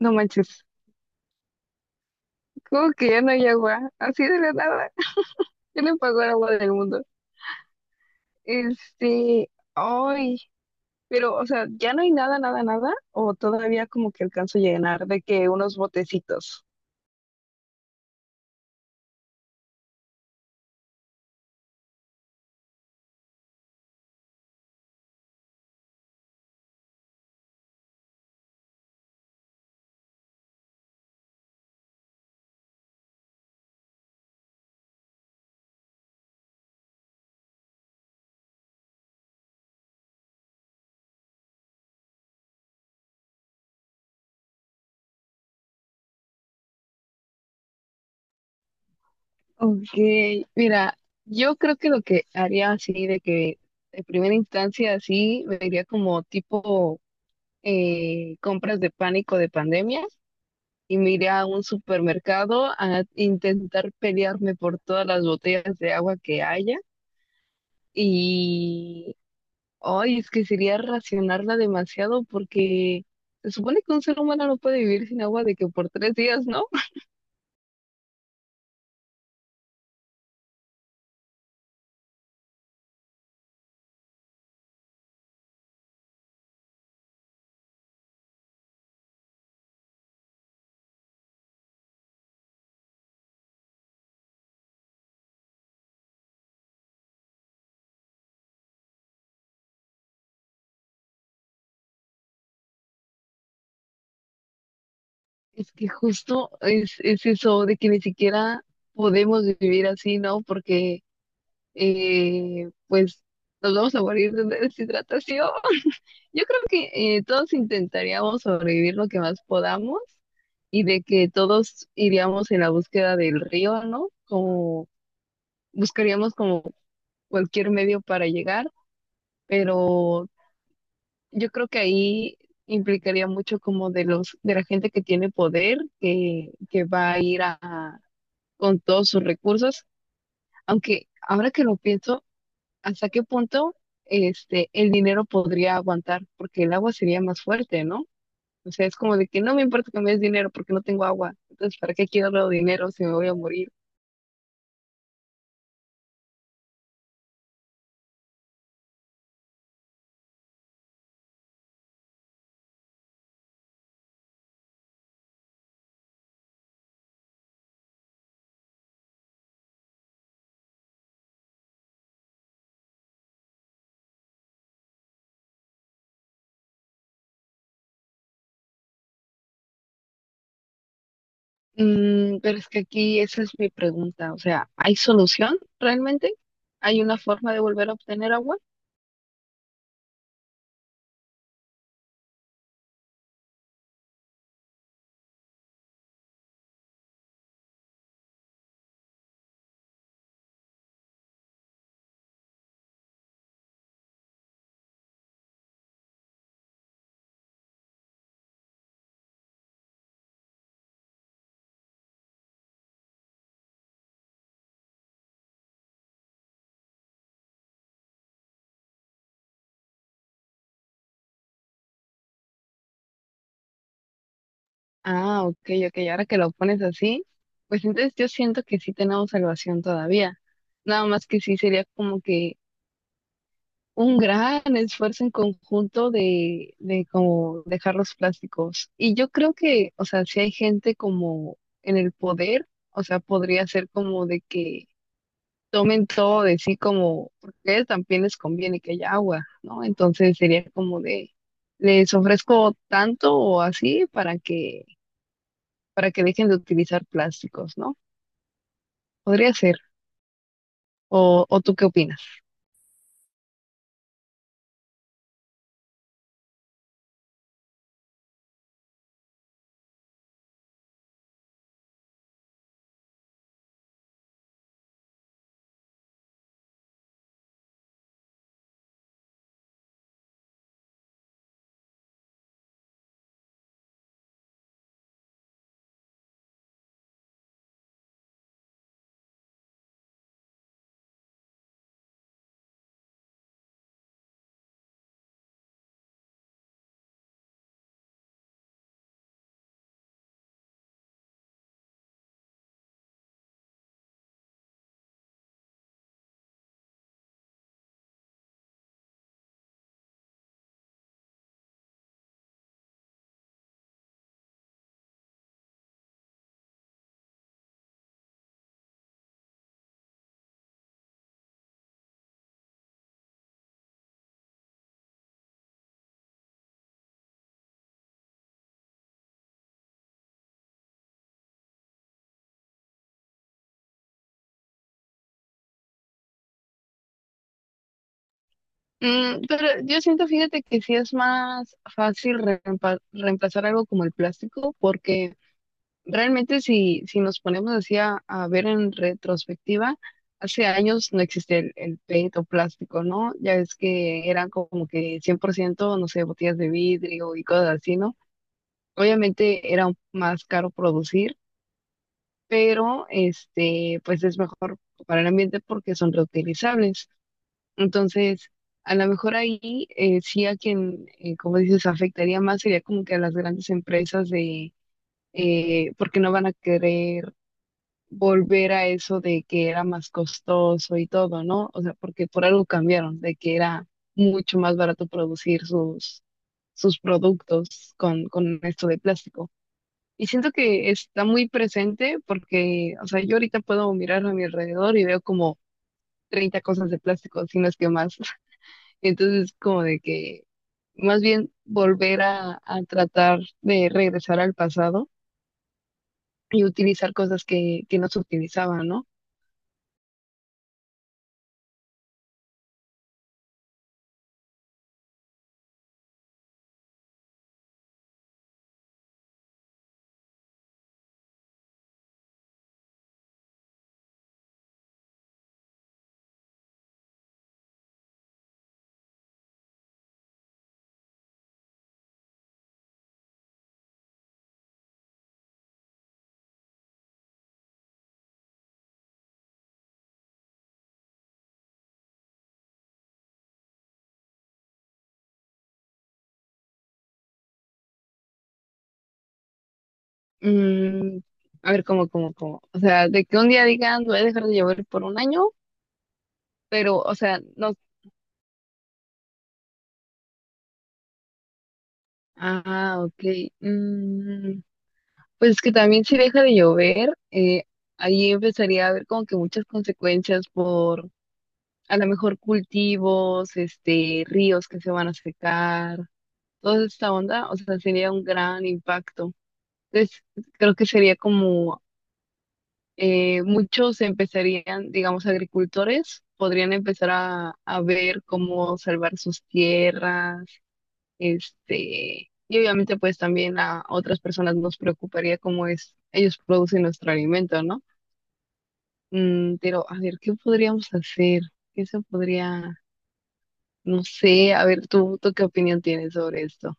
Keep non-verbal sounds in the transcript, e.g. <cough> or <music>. No manches, como que ya no hay agua, así de la nada. <laughs> ¿Quién le pagó el agua del mundo? Este, ay, pero, o sea, ¿ya no hay nada, nada, nada? ¿O todavía como que alcanzo a llenar de que unos botecitos? Ok, mira, yo creo que lo que haría así de que de primera instancia así, me iría como tipo compras de pánico de pandemia y me iría a un supermercado a intentar pelearme por todas las botellas de agua que haya. Y hoy es que sería racionarla demasiado porque se supone que un ser humano no puede vivir sin agua de que por tres días, ¿no? <laughs> Es que justo es eso de que ni siquiera podemos vivir así, ¿no? Porque pues nos vamos a morir de deshidratación. <laughs> Yo creo que todos intentaríamos sobrevivir lo que más podamos y de que todos iríamos en la búsqueda del río, ¿no? Como buscaríamos como cualquier medio para llegar, pero yo creo que ahí implicaría mucho como de los, de la gente que tiene poder, que va a ir con todos sus recursos, aunque ahora que lo pienso, ¿hasta qué punto este el dinero podría aguantar? Porque el agua sería más fuerte, ¿no? O sea, es como de que no me importa que me des dinero porque no tengo agua. Entonces, ¿para qué quiero dinero si me voy a morir? Mm, pero es que aquí esa es mi pregunta. O sea, ¿hay solución realmente? ¿Hay una forma de volver a obtener agua? Ah, ok, ok. Ahora que lo pones así, pues entonces yo siento que sí tenemos salvación todavía. Nada más que sí sería como que un gran esfuerzo en conjunto de como dejar los plásticos. Y yo creo que, o sea, si hay gente como en el poder, o sea, podría ser como de que tomen todo de sí como, porque a ellos también les conviene que haya agua, ¿no? Entonces sería como de, les ofrezco tanto o así para que dejen de utilizar plásticos, ¿no? Podría ser. ¿O tú qué opinas? Mm, pero yo siento, fíjate que sí es más fácil reemplazar algo como el plástico porque realmente si nos ponemos así a ver en retrospectiva, hace años no existía el PET o plástico, ¿no? Ya es que eran como que 100% no sé, botellas de vidrio y cosas así, ¿no? Obviamente era más caro producir, pero pues es mejor para el ambiente porque son reutilizables. Entonces, a lo mejor ahí sí a quien, como dices, afectaría más sería como que a las grandes empresas de porque no van a querer volver a eso de que era más costoso y todo, ¿no? O sea, porque por algo cambiaron, de que era mucho más barato producir sus, sus productos con esto de plástico. Y siento que está muy presente porque, o sea, yo ahorita puedo mirar a mi alrededor y veo como 30 cosas de plástico, si no es que más. <laughs> Entonces, como de que más bien volver a tratar de regresar al pasado y utilizar cosas que no se utilizaban, ¿no? Mm, a ver, ¿cómo, cómo, cómo? O sea, de que un día digan, voy a dejar de llover por un año, pero, o sea, no. Ah, ok. Mm, pues es que también si deja de llover, ahí empezaría a haber como que muchas consecuencias por, a lo mejor, cultivos, este, ríos que se van a secar, toda esta onda, o sea, sería un gran impacto. Entonces, creo que sería como muchos empezarían, digamos, agricultores, podrían empezar a ver cómo salvar sus tierras, este, y obviamente pues también a otras personas nos preocuparía cómo es, ellos producen nuestro alimento, ¿no? Mm, pero a ver, ¿qué podríamos hacer? ¿Qué se podría, no sé, a ver, tú qué opinión tienes sobre esto?